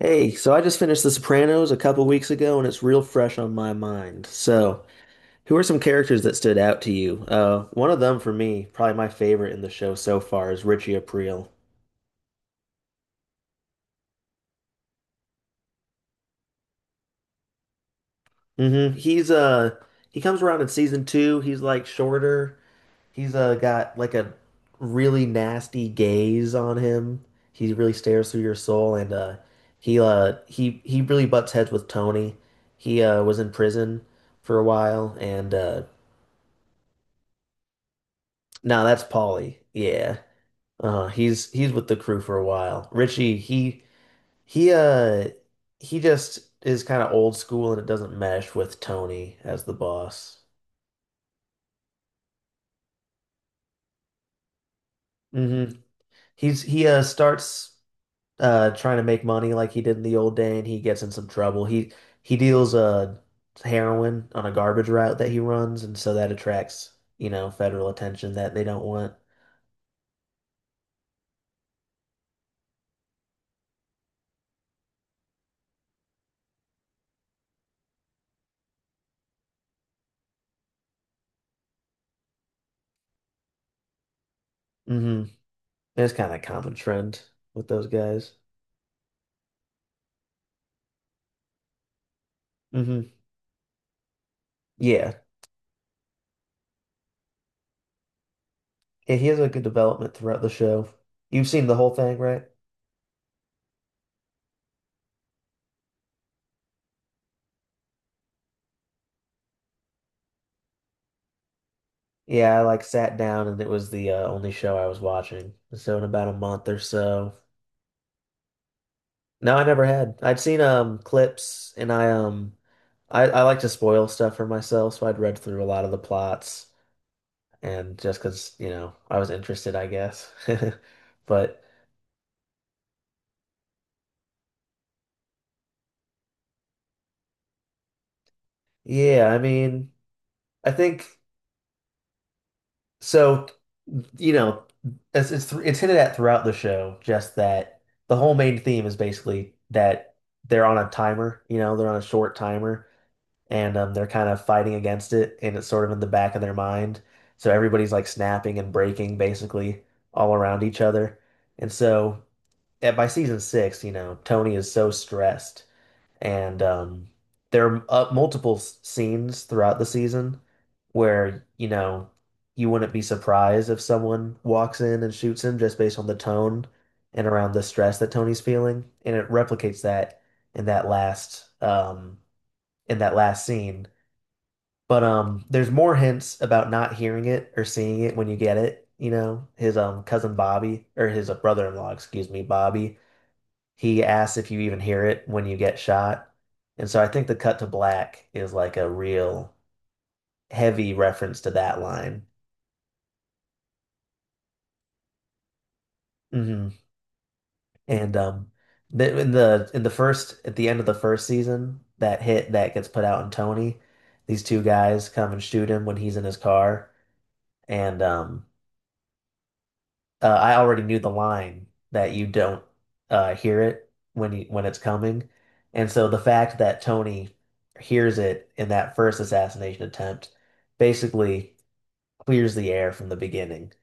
Hey, so I just finished The Sopranos a couple weeks ago and it's real fresh on my mind. So, who are some characters that stood out to you? One of them for me, probably my favorite in the show so far, is Richie Aprile. Hmm. He comes around in season two. He's like shorter. He's got like a really nasty gaze on him. He really stares through your soul, and he really butts heads with Tony. He was in prison for a while, and no, that's Paulie. Yeah. He's with the crew for a while. Richie, he uh he just is kind of old school, and it doesn't mesh with Tony as the boss. Hmm. He starts trying to make money like he did in the old day, and he gets in some trouble. He deals heroin on a garbage route that he runs, and so that attracts federal attention that they don't want. Hmm. It's kind of a common trend with those guys. Hmm. Yeah, yeah, he has a good development throughout the show. You've seen the whole thing, right? Yeah, I like sat down and it was the only show I was watching. So in about a month or so. No, I never had. I'd seen clips, and I like to spoil stuff for myself, so I'd read through a lot of the plots, and just 'cause I was interested, I guess. But yeah, I mean, I think. So, you know, it's hinted at throughout the show, just that the whole main theme is basically that they're on a timer they're on a short timer, and they're kind of fighting against it, and it's sort of in the back of their mind. So everybody's like snapping and breaking basically all around each other, and so by season six Tony is so stressed, and there are multiple scenes throughout the season where you wouldn't be surprised if someone walks in and shoots him just based on the tone and around the stress that Tony's feeling. And it replicates that in that last um, in that last scene. But there's more hints about not hearing it or seeing it when you get it. You know, his cousin Bobby, or his brother-in-law, excuse me, Bobby, he asks if you even hear it when you get shot. And so I think the cut to black is like a real heavy reference to that line. Hmm. And the, in the in the first at the end of the first season, that hit that gets put out on Tony, these two guys come and shoot him when he's in his car. And I already knew the line that you don't hear it when it's coming, and so the fact that Tony hears it in that first assassination attempt basically clears the air from the beginning.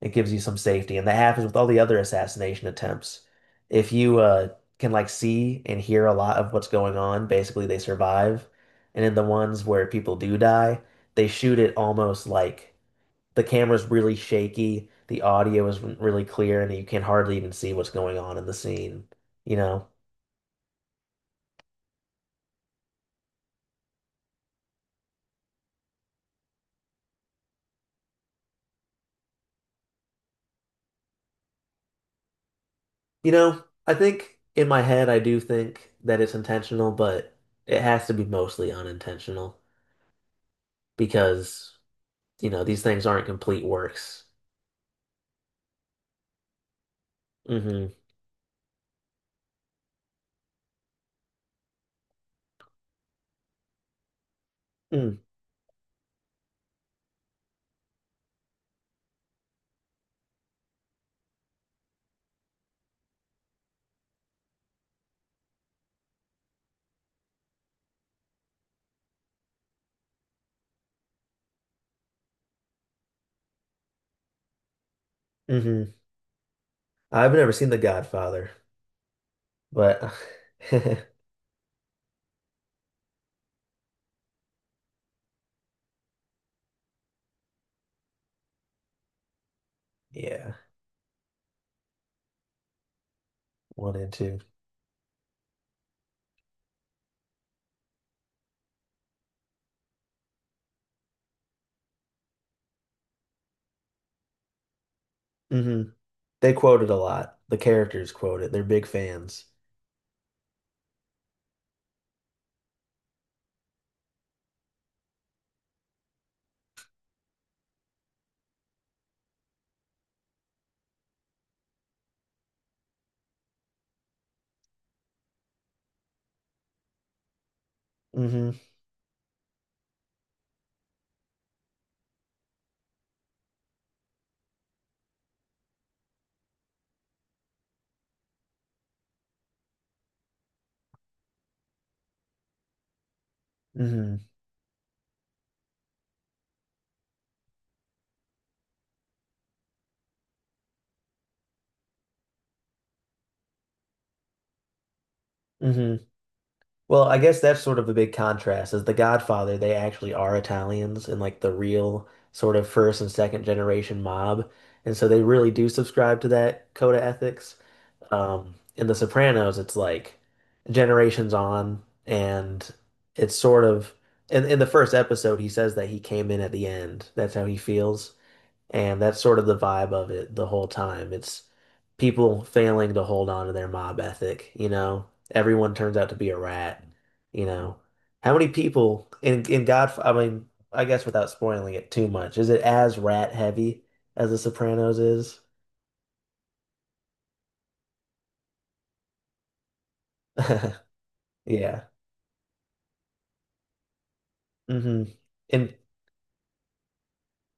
It gives you some safety, and that happens with all the other assassination attempts. If you can like see and hear a lot of what's going on, basically they survive, and in the ones where people do die, they shoot it almost like the camera's really shaky, the audio isn't really clear, and you can hardly even see what's going on in the scene, you know? You know, I think in my head I do think that it's intentional, but it has to be mostly unintentional because these things aren't complete works. Hmm. Mm. Hmm. I've never seen The Godfather, but yeah, one and 2. Hmm. They quote it a lot. The characters quote it. They're big fans. Hmm. Hmm. Hmm. Well, I guess that's sort of a big contrast is The Godfather, they actually are Italians and like the real sort of first and second generation mob. And so they really do subscribe to that code of ethics. In The Sopranos, it's like generations on, and it's sort of in the first episode he says that he came in at the end. That's how he feels. And that's sort of the vibe of it the whole time. It's people failing to hold on to their mob ethic, you know? Everyone turns out to be a rat, you know? How many people in God, I mean, I guess without spoiling it too much, is it as rat heavy as The Sopranos is? Yeah. Hmm. In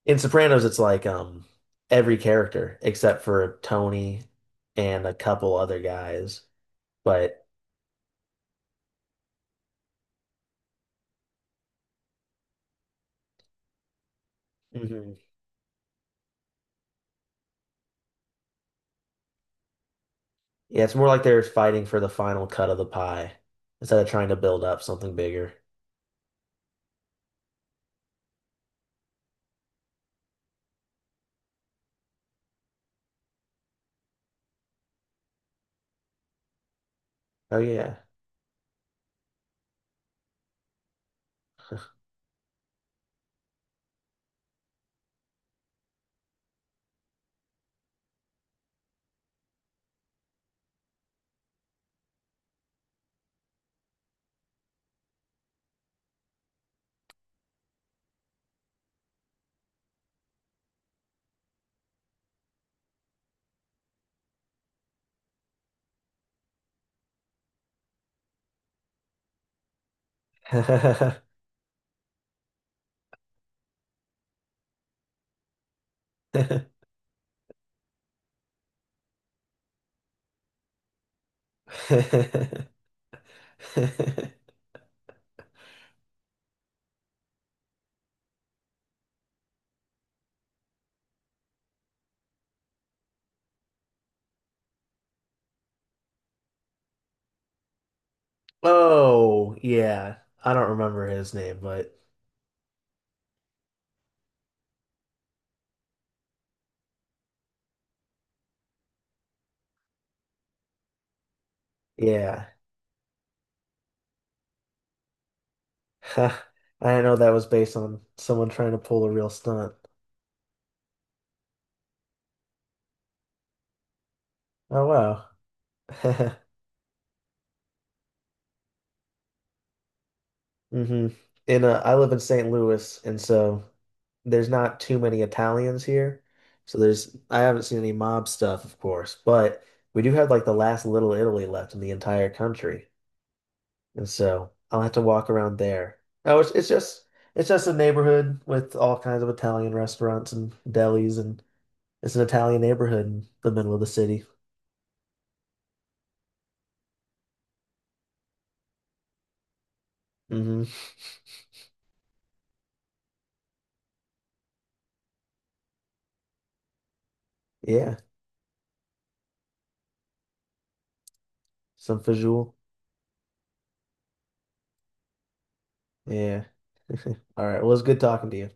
in Sopranos, it's like every character except for Tony and a couple other guys, but mhm. Yeah, it's more like they're fighting for the final cut of the pie instead of trying to build up something bigger. Oh yeah. Oh yeah. I don't remember his name, but yeah. I didn't know that was based on someone trying to pull a real stunt. Oh wow. Hmm. And I live in St. Louis, and so there's not too many Italians here. So there's I haven't seen any mob stuff, of course, but we do have like the last Little Italy left in the entire country, and so I'll have to walk around there. Oh, it's just a neighborhood with all kinds of Italian restaurants and delis, and it's an Italian neighborhood in the middle of the city. Hmm. Yeah, some fajoule. Yeah. All right. Well, it's good talking to you.